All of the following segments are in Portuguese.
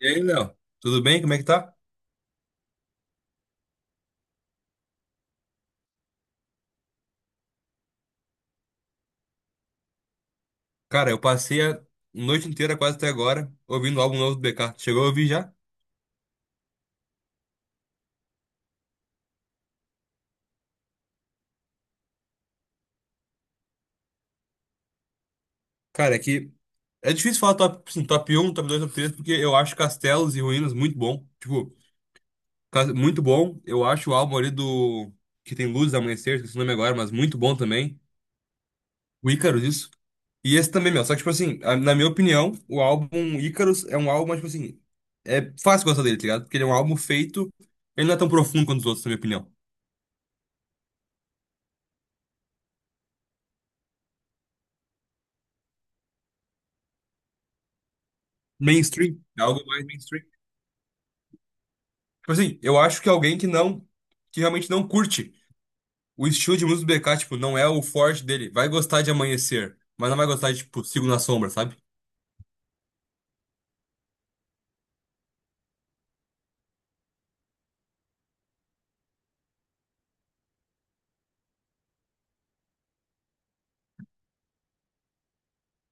E aí, Léo? Tudo bem? Como é que tá? Cara, eu passei a noite inteira, quase até agora, ouvindo o álbum novo do BK. Chegou a ouvir já? Cara, é que é difícil falar top, assim, top 1, top 2, top 3, porque eu acho Castelos e Ruínas muito bom. Tipo, muito bom. Eu acho o álbum ali do. Que tem Luzes Amanhecer, esqueci o nome agora, mas muito bom também. O Ícaros, isso. E esse também, meu. Só que, tipo assim, na minha opinião, o álbum Ícaros é um álbum, mas, tipo assim. É fácil gostar dele, tá ligado? Porque ele é um álbum feito. Ele não é tão profundo quanto os outros, na minha opinião. Mainstream, é algo mais mainstream. Tipo assim, eu acho que alguém que não, que realmente não curte o estilo de música do BK, tipo, não é o forte dele, vai gostar de Amanhecer, mas não vai gostar de, tipo, Sigo na Sombra, sabe?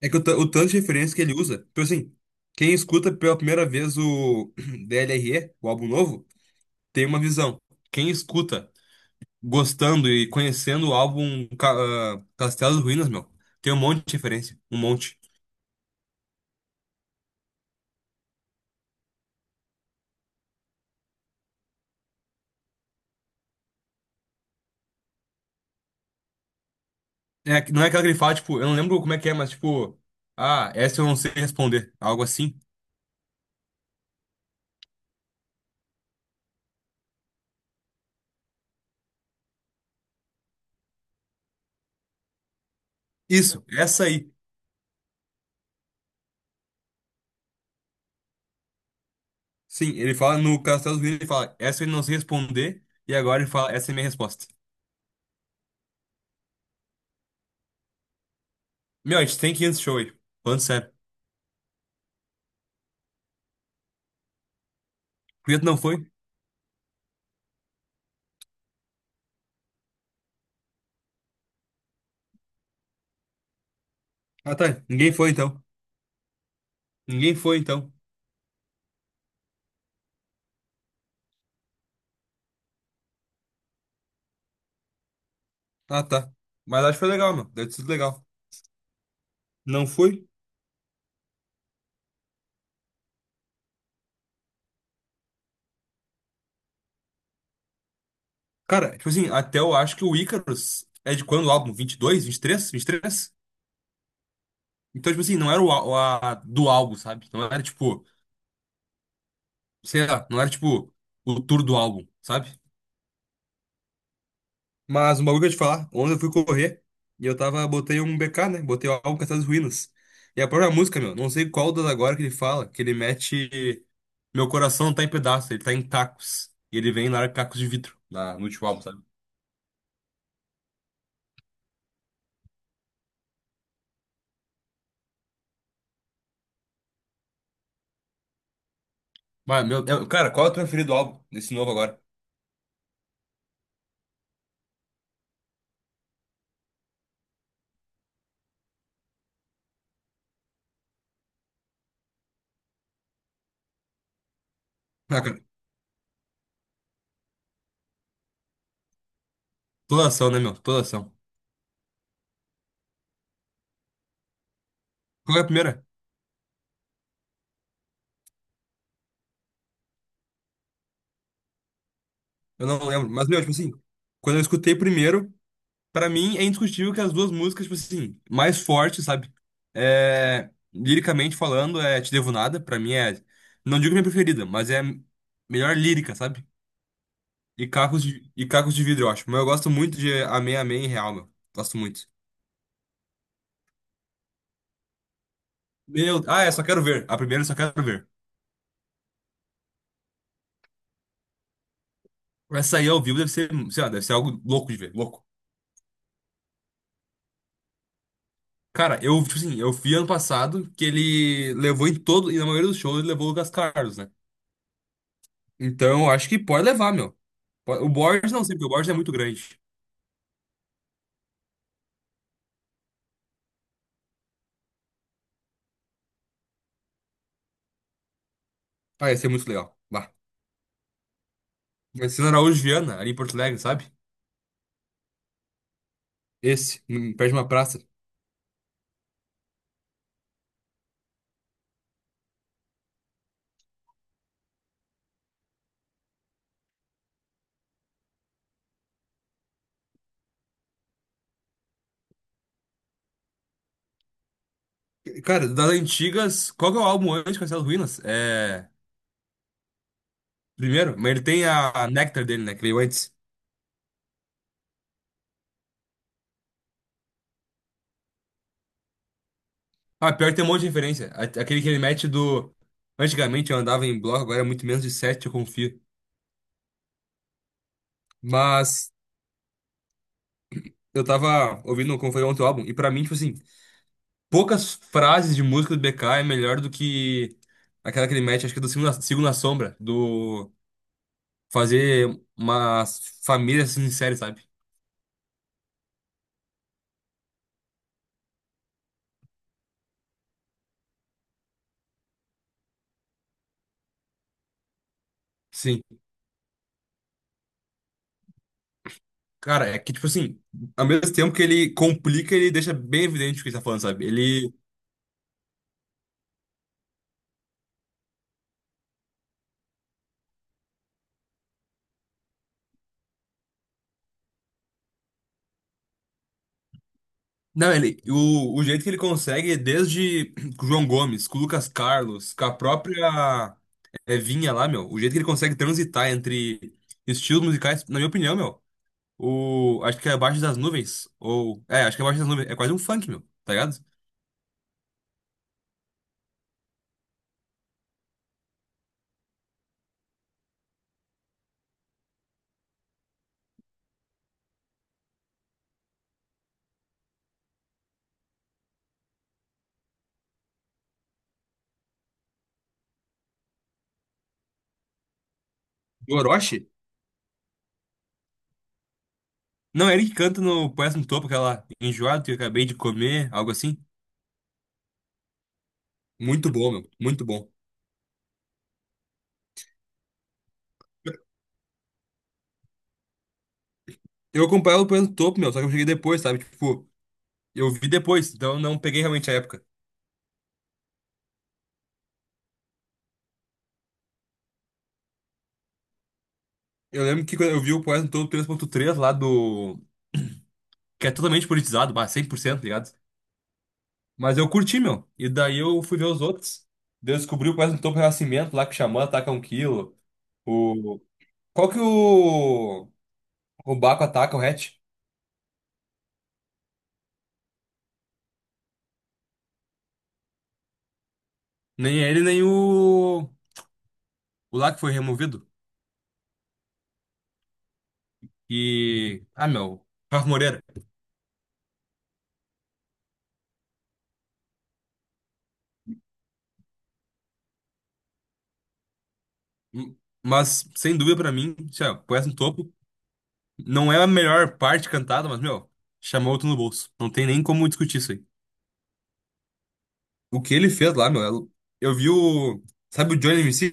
É que o, o tanto de referência que ele usa, tipo assim, quem escuta pela primeira vez o DLRE, o álbum novo, tem uma visão. Quem escuta gostando e conhecendo o álbum Castelo e Ruínas, meu, tem um monte de referência, um monte. É, não é aquela que ele fala, tipo, eu não lembro como é que é, mas tipo, ah, essa eu não sei responder, algo assim. Isso, essa aí. Sim, ele fala no Castelo Unidos, ele fala, essa eu não sei responder, e agora ele fala, essa é a minha resposta. Meu, a gente tem que ir nesse show aí. Falando sério. Por que tu não foi? Ah, tá. Ninguém foi então. Ninguém foi então. Ah, tá. Mas acho que foi legal, meu. Deve ter sido legal. Não foi? Cara, tipo assim, até eu acho que o Icarus é de quando o álbum? Vinte e dois, vinte e três. Então, tipo assim, não era o, do álbum, sabe? Não era tipo. Sei lá, não era tipo o tour do álbum, sabe? Mas um bagulho que eu ia te falar, ontem eu fui correr e eu tava, botei um BK, né? Botei o álbum Castelo das Ruínas. E a própria música, meu, não sei qual das agora que ele fala, que ele mete: meu coração não tá em pedaços, ele tá em tacos. E ele vem e larga cacos de vidro no último álbum, sabe? Mas, meu, cara, qual é o teu preferido álbum desse novo agora? Ah, cara, toda ação, né, meu? Toda ação. Qual é a primeira? Eu não lembro. Mas, meu, tipo assim, quando eu escutei primeiro. Pra mim, é indiscutível que as duas músicas, tipo assim, mais fortes, sabe? É, liricamente falando, é Te Devo Nada. Pra mim é. Não digo minha preferida, mas é a melhor lírica, sabe? E Cacos de Vidro, eu acho. Mas eu gosto muito de Amém, Amém em Real, meu. Gosto muito. Meu, ah, é Só Quero Ver. A primeira, é Só Quero Ver. Essa aí ao vivo deve ser, sei lá, deve ser algo louco de ver, louco. Cara, eu, tipo assim, eu vi ano passado que ele levou em todo, e na maioria dos shows ele levou o Lucas Carlos, né? Então, acho que pode levar, meu. O Borges não sei, porque o Borges é muito grande. Ah, ia ser muito legal. Lá. Marcelo Araújo Viana, ali em Porto Alegre, sabe? Esse, perto de uma praça. Cara, das antigas, qual que é o álbum antes de Castelo Ruínas? É. Primeiro, mas ele tem a, Nectar dele, né? Que veio antes. Ah, pior que tem um monte de referência. Aquele que ele mete do. Antigamente eu andava em bloco, agora é muito menos de sete, eu confio. Mas eu tava ouvindo como foi ontem o álbum, e pra mim, tipo assim. Poucas frases de música do BK é melhor do que aquela que ele mete, acho que é do Sigo na Sombra, do fazer uma família se sincera, sabe? Sim. Cara, é que, tipo assim, ao mesmo tempo que ele complica, ele deixa bem evidente o que ele tá falando, sabe? Ele. Não, ele. O jeito que ele consegue, desde com o João Gomes, com o Lucas Carlos, com a própria é, Vinha lá, meu, o jeito que ele consegue transitar entre estilos musicais, na minha opinião, meu. O, acho que é Abaixo das Nuvens. Ou. É, acho que é Abaixo das Nuvens. É quase um funk, meu, tá ligado? Do Orochi? Não, é ele que canta no Poeta no Topo, aquela enjoado que eu acabei de comer, algo assim. Muito bom, meu. Muito bom. Eu acompanhava o Poeta no Topo, meu, só que eu cheguei depois, sabe? Tipo, eu vi depois, então eu não peguei realmente a época. Eu lembro que quando eu vi o Poeta no Topo 3.3 lá do. Que é totalmente politizado, bah, 100%, tá ligado? Mas eu curti, meu. E daí eu fui ver os outros. Daí eu descobri o Poeta no Topo Renascimento lá que o Xamã ataca um quilo. Qual que o Baco ataca o Hatch? Nem ele, nem o, lá que foi removido. E. Ah, meu. Rafa Moreira. M- Mas, sem dúvida pra mim, se ó, pôs no topo. Não é a melhor parte cantada, mas, meu, chamou outro no bolso. Não tem nem como discutir isso aí. O que ele fez lá, meu. Eu vi o. Sabe o Johnny MC?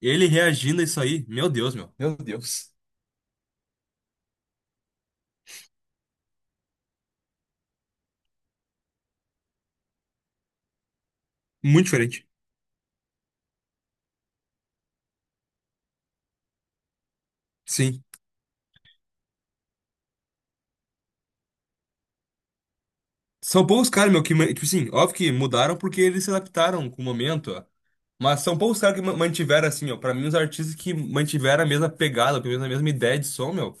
Ele reagindo a isso aí. Meu Deus, meu. Meu Deus. Muito diferente. Sim. São poucos caras, meu, que, tipo assim, óbvio que mudaram porque eles se adaptaram com o momento, ó. Mas são poucos caras que mantiveram, assim, ó. Pra mim, os artistas que mantiveram a mesma pegada, pelo menos a mesma ideia de som, meu.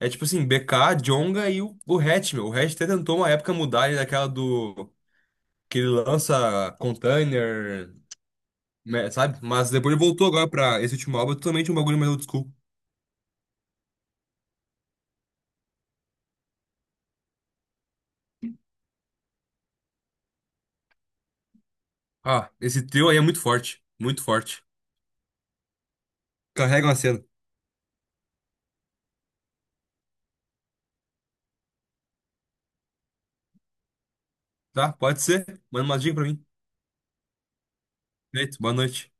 É tipo assim, BK, Djonga e o, Hatch, meu. O Hatch até tentou uma época mudar ele daquela do. Que ele lança container, né, sabe? Mas depois ele voltou agora pra esse último álbum, é totalmente um bagulho mais old school. Ah, esse trio aí é muito forte, muito forte. Carrega uma cena. Tá? Pode ser? Manda uma dica pra mim. Feito, boa noite.